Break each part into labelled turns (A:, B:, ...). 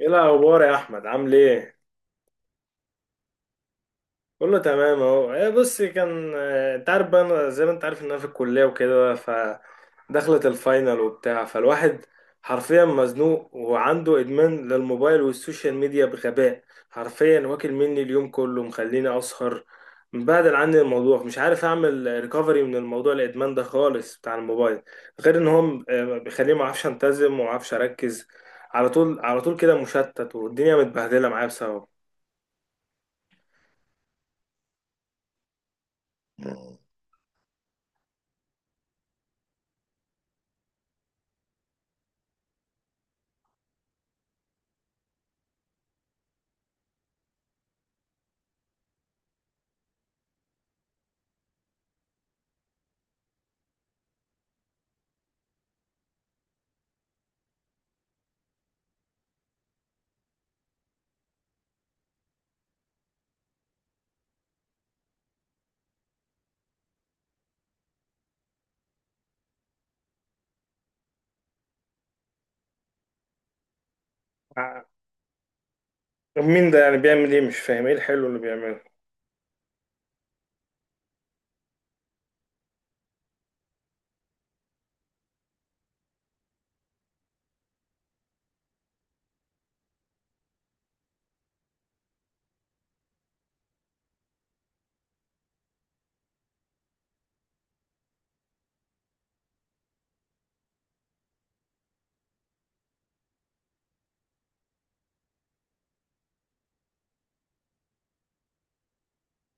A: ايه الاخبار يا احمد، عامل ايه؟ كله تمام اهو. ايه بص كان انت عارف بقى، أنا زي ما انت عارف ان انا في الكليه وكده، فدخلت الفاينل وبتاع، فالواحد حرفيا مزنوق وعنده ادمان للموبايل والسوشيال ميديا بغباء. حرفيا واكل مني اليوم كله، مخليني اسهر. مبعدل عني الموضوع، مش عارف اعمل ريكفري من الموضوع، الادمان ده خالص بتاع الموبايل. غير ان هو بيخليني ما اعرفش انتظم وما اعرفش اركز، على طول على طول كده مشتت، والدنيا متبهدله معايا بسببه. مم. ع- مين ده يعني؟ بيعمل ايه؟ مش فاهم ايه الحلو اللي بيعمله.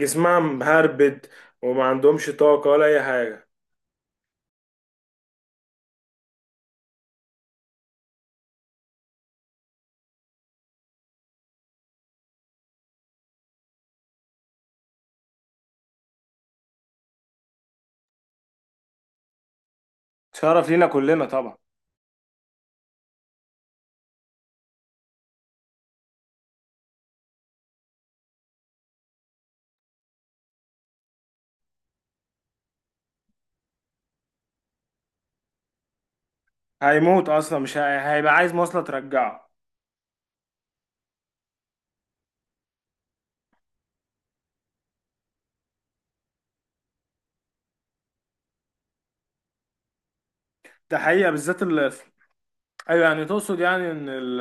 A: جسمها مهربد وما عندهمش طاقة ولا اي حاجة. شرف لينا كلنا طبعا. هيموت اصلا، مش هي... هيبقى عايز مواصلة ترجعه. ده حقيقة، بالذات ايوه، يعني تقصد يعني ان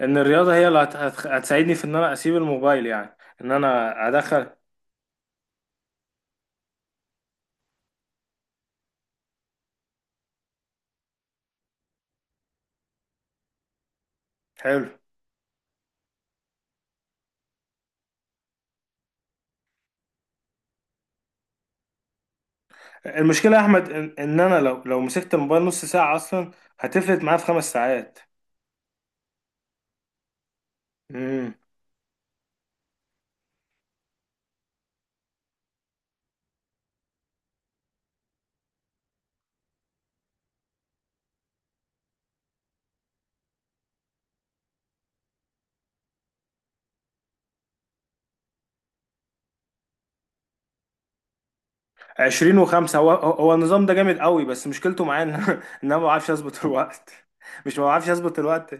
A: ان الرياضة هي اللي هتساعدني في ان انا اسيب الموبايل، يعني ان انا ادخل. حلو. المشكلة يا احمد إن انا لو مسكت الموبايل نص ساعة اصلا هتفلت معايا في 5 ساعات. 20 و5، هو النظام ده جامد قوي، بس مشكلته معايا ان ان انا ما بعرفش اظبط الوقت. مش، ما بعرفش اظبط الوقت.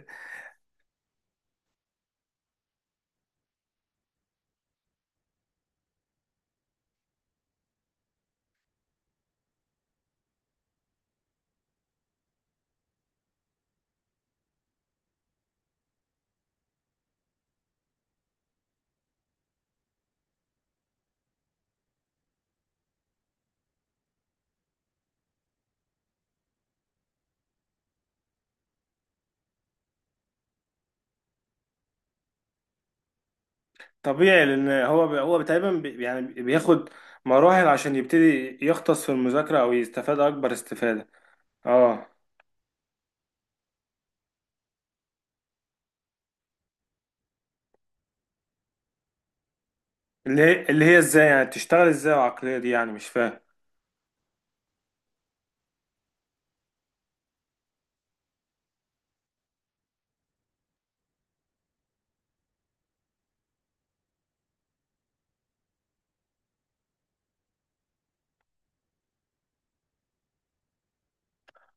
A: طبيعي، لان هو هو تقريبا يعني بياخد مراحل عشان يبتدي يختص في المذاكرة او يستفاد اكبر استفادة. اه. اللي هي ازاي يعني؟ بتشتغل ازاي العقلية دي؟ يعني مش فاهم.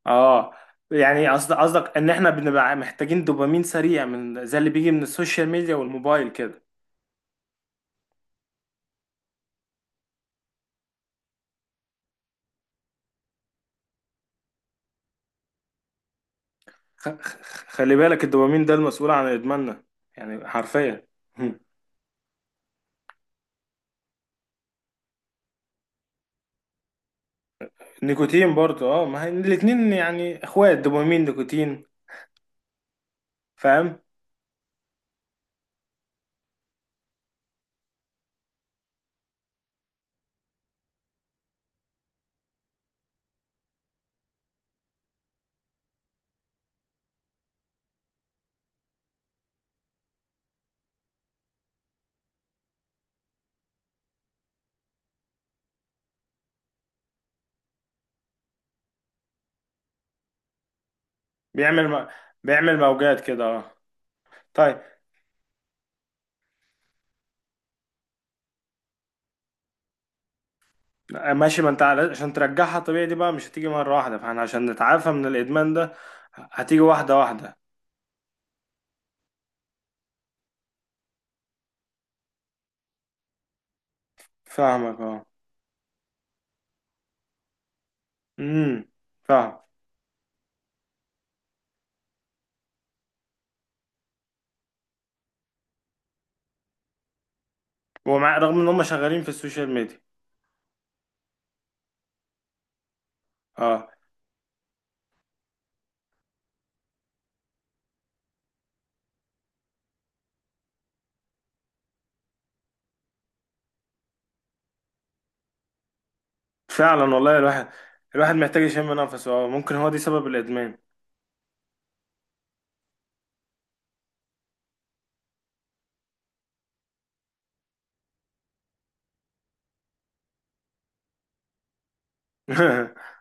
A: اه، يعني قصدك ان احنا بنبقى محتاجين دوبامين سريع من زي اللي بيجي من السوشيال ميديا والموبايل كده. خلي بالك، الدوبامين ده المسؤول عن ادماننا، يعني حرفيا. نيكوتين برضو اه، ما هي الاتنين يعني اخوات، دوبامين نيكوتين. فاهم. بيعمل م... بيعمل موجات كده اه. طيب، ماشي. ما انت على- عشان ترجعها طبيعي دي بقى مش هتيجي مرة واحدة، فاحنا عشان نتعافى من الادمان ده هتيجي واحدة واحدة. فاهمك اه. امم فاهم. ومع، رغم ان هم شغالين في السوشيال ميديا، اه. فعلا والله الواحد. الواحد محتاج يشم نفسه، اه، ممكن هو دي سبب الادمان.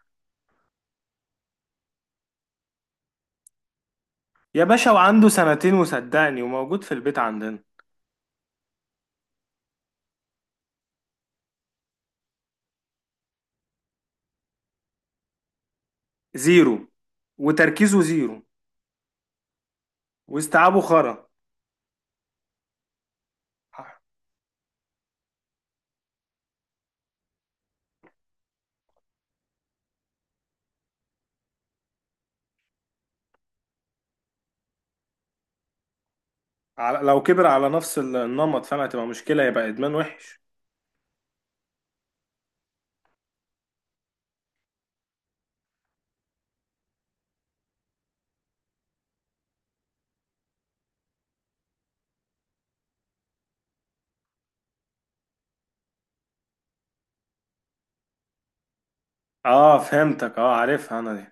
A: يا باشا، وعنده سنتين، وصدقني، وموجود في البيت عندنا. زيرو، وتركيزه زيرو، واستيعابه خرا. لو كبر على نفس النمط، فاهم؟ هتبقى مشكلة، يبقى إدمان وحش. اه فهمتك اه، عارفها أنا دي.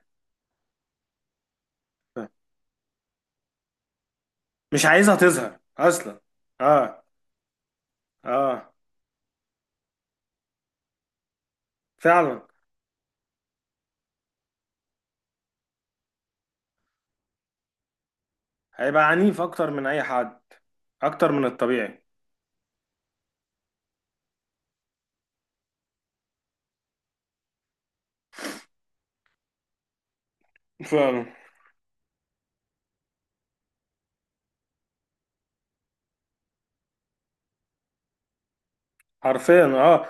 A: مش عايزها تظهر أصلا. اه اه فعلا. هيبقى عنيف أكتر من أي حد، أكتر من الطبيعي. فعلا. حرفيا اه.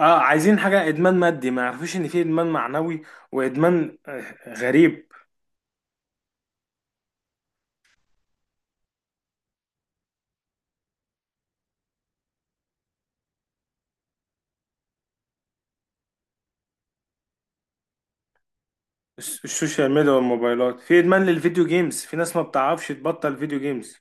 A: اه، عايزين حاجة إدمان مادي، ما يعرفوش إن في إدمان معنوي، وإدمان غريب. السوشيال ميديا والموبايلات، في ادمان للفيديو جيمز، في ناس ما بتعرفش تبطل فيديو جيمز.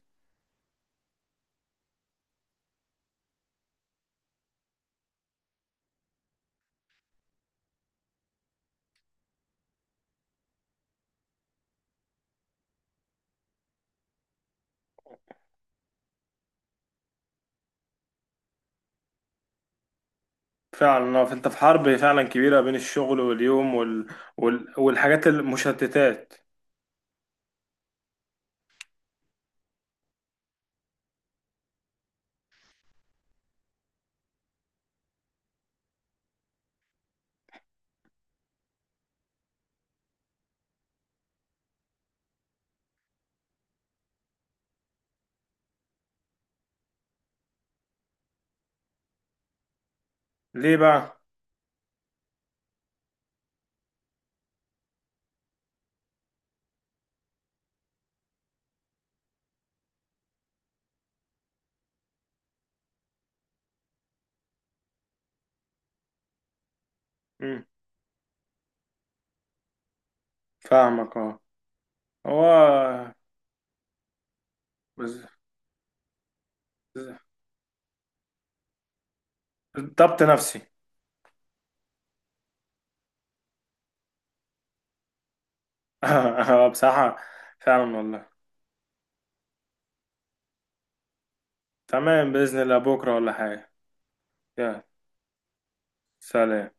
A: فعلا فانت في حرب فعلا كبيرة بين الشغل واليوم والحاجات المشتتات. ليه بقى؟ مم. فاهمك اه. هو بز... بز... ضبط نفسي. بصراحة، فعلا والله. تمام، بإذن الله بكرة ولا حاجة. يا سلام.